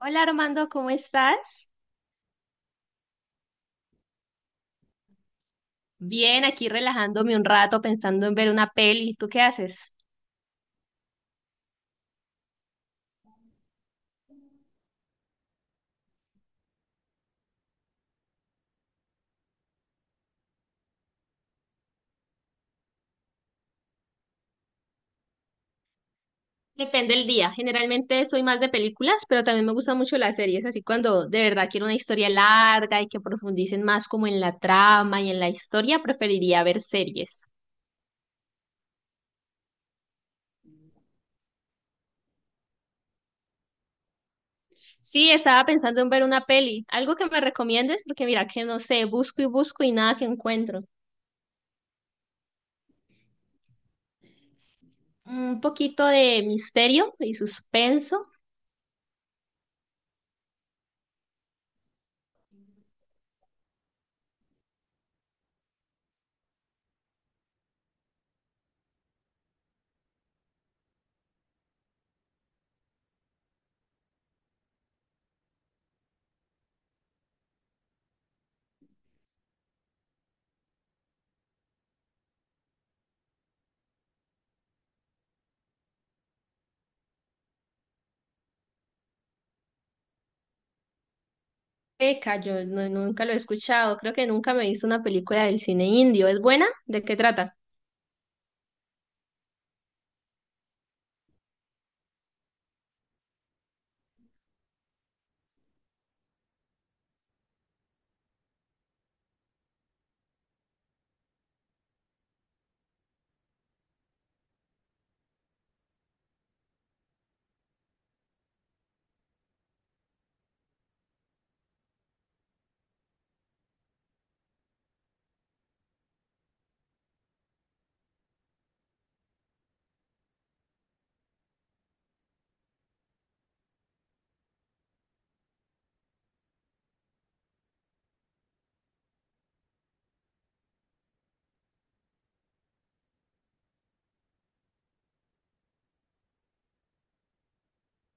Hola Armando, ¿cómo estás? Bien, aquí relajándome un rato pensando en ver una peli. ¿Tú qué haces? Depende del día. Generalmente soy más de películas, pero también me gustan mucho las series, así cuando de verdad quiero una historia larga y que profundicen más como en la trama y en la historia, preferiría ver series. Sí, estaba pensando en ver una peli. ¿Algo que me recomiendes? Porque mira que no sé, busco y busco y nada que encuentro. Un poquito de misterio y suspenso. Peca, yo no- nunca lo he escuchado. Creo que nunca me hizo una película del cine indio. ¿Es buena? ¿De qué trata?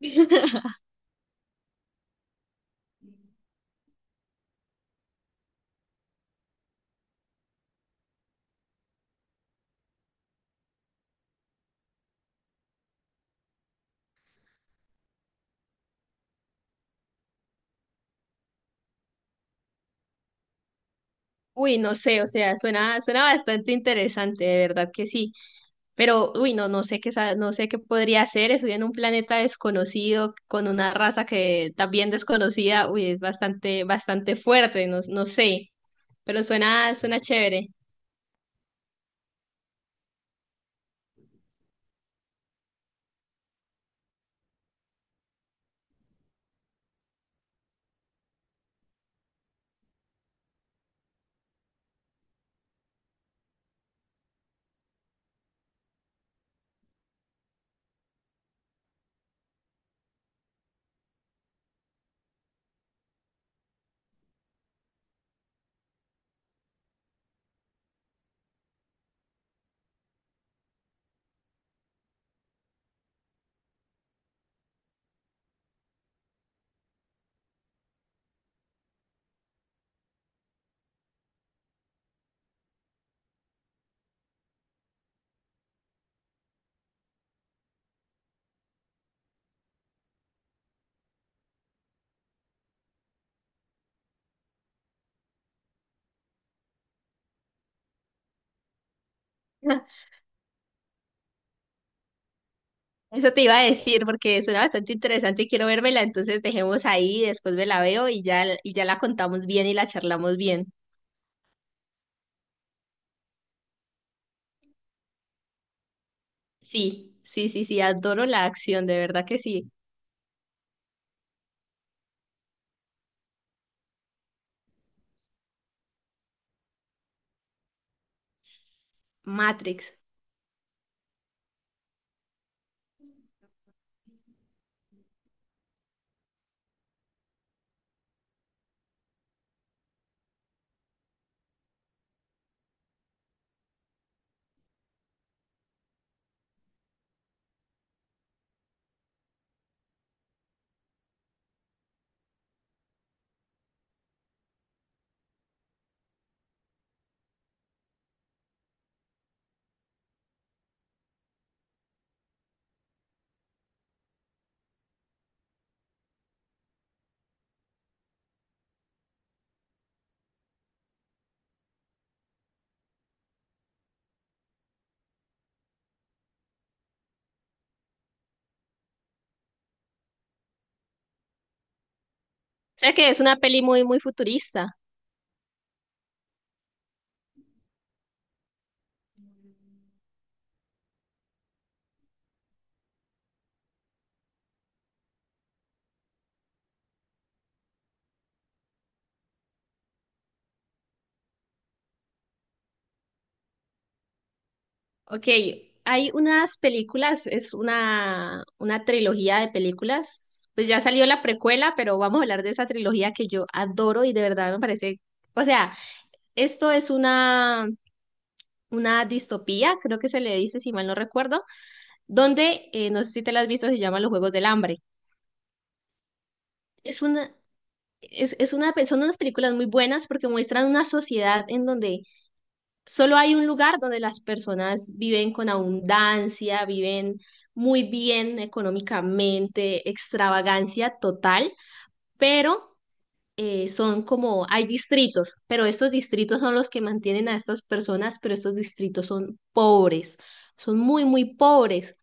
Uy, no sé, o sea, suena bastante interesante, de verdad que sí. Pero, uy, no, no sé qué podría hacer. Estoy en un planeta desconocido con una raza que también desconocida. Uy, es bastante fuerte, no, no sé. Pero suena chévere. Eso te iba a decir porque suena bastante interesante y quiero vérmela, entonces dejemos ahí, después me la veo y ya la contamos bien y la charlamos bien. Sí, sí, sí, sí, adoro la acción, de verdad que sí. Matrix. O sea que es una peli muy futurista. Ok, hay unas películas, es una trilogía de películas. Pues ya salió la precuela, pero vamos a hablar de esa trilogía que yo adoro y de verdad me parece, o sea, esto es una distopía, creo que se le dice, si mal no recuerdo, donde, no sé si te las has visto, se llaman Los Juegos del Hambre. Es una, es una, son unas películas muy buenas porque muestran una sociedad en donde solo hay un lugar donde las personas viven con abundancia, viven muy bien económicamente, extravagancia total, pero son como, hay distritos, pero estos distritos son los que mantienen a estas personas, pero estos distritos son pobres, son muy pobres.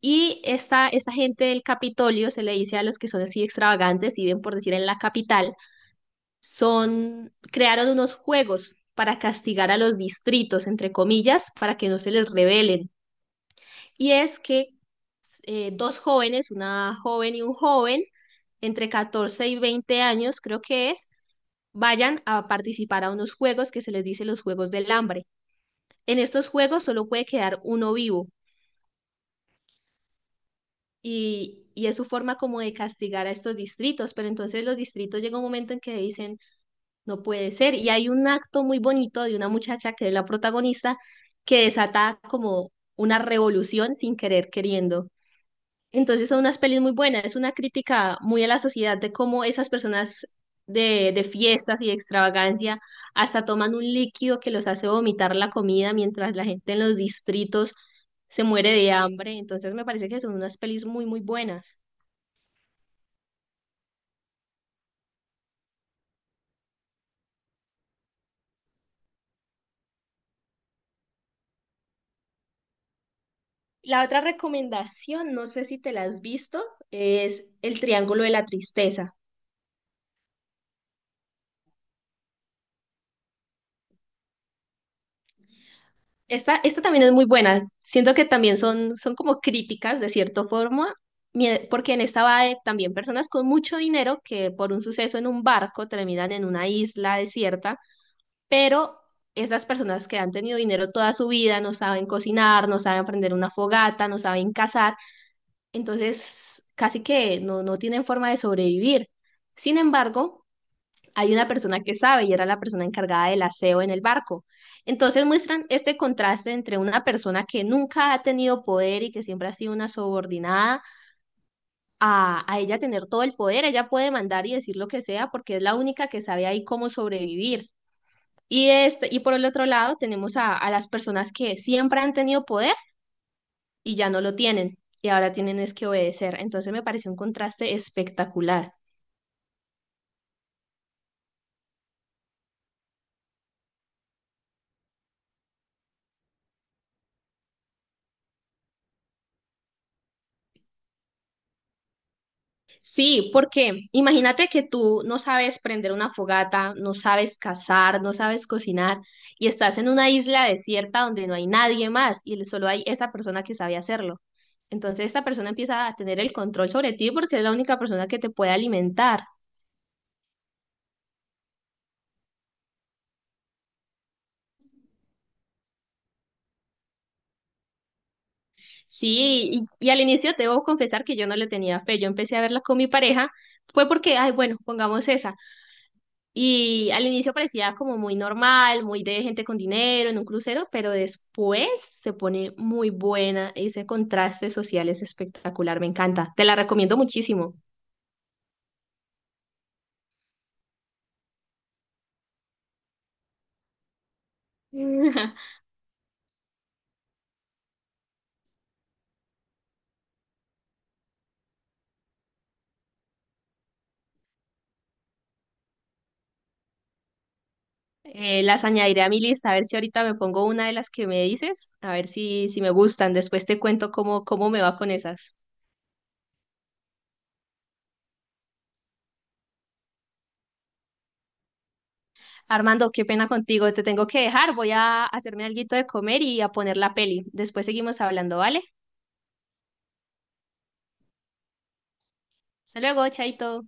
Y esta gente del Capitolio, se le dice a los que son así extravagantes, y viven por decir en la capital, son, crearon unos juegos para castigar a los distritos, entre comillas, para que no se les rebelen. Y es que dos jóvenes, una joven y un joven, entre 14 y 20 años, creo que es, vayan a participar a unos juegos que se les dice los Juegos del Hambre. En estos juegos solo puede quedar uno vivo. Y es su forma como de castigar a estos distritos, pero entonces los distritos llega un momento en que dicen, no puede ser. Y hay un acto muy bonito de una muchacha que es la protagonista que desata como una revolución sin querer queriendo. Entonces son unas pelis muy buenas, es una crítica muy a la sociedad de cómo esas personas de fiestas y de extravagancia hasta toman un líquido que los hace vomitar la comida mientras la gente en los distritos se muere de hambre. Entonces me parece que son unas pelis muy buenas. La otra recomendación, no sé si te la has visto, es El Triángulo de la Tristeza. Esta también es muy buena. Siento que también son, son como críticas de cierta forma, porque en esta va también personas con mucho dinero que por un suceso en un barco terminan en una isla desierta, pero esas personas que han tenido dinero toda su vida no saben cocinar, no saben prender una fogata, no saben cazar, entonces casi que no, no tienen forma de sobrevivir. Sin embargo, hay una persona que sabe y era la persona encargada del aseo en el barco. Entonces muestran este contraste entre una persona que nunca ha tenido poder y que siempre ha sido una subordinada a ella tener todo el poder. Ella puede mandar y decir lo que sea porque es la única que sabe ahí cómo sobrevivir. Y por el otro lado tenemos a las personas que siempre han tenido poder y ya no lo tienen y ahora tienen es que obedecer. Entonces me pareció un contraste espectacular. Sí, porque imagínate que tú no sabes prender una fogata, no sabes cazar, no sabes cocinar y estás en una isla desierta donde no hay nadie más y solo hay esa persona que sabe hacerlo. Entonces esta persona empieza a tener el control sobre ti porque es la única persona que te puede alimentar. Sí, y al inicio te debo confesar que yo no le tenía fe. Yo empecé a verla con mi pareja, fue porque, ay, bueno, pongamos esa. Y al inicio parecía como muy normal, muy de gente con dinero en un crucero, pero después se pone muy buena. Ese contraste social es espectacular, me encanta. Te la recomiendo muchísimo. Las añadiré a mi lista, a ver si ahorita me pongo una de las que me dices, a ver si, si me gustan. Después te cuento cómo me va con esas. Armando, qué pena contigo, te tengo que dejar. Voy a hacerme alguito de comer y a poner la peli. Después seguimos hablando, ¿vale? Hasta luego, chaito.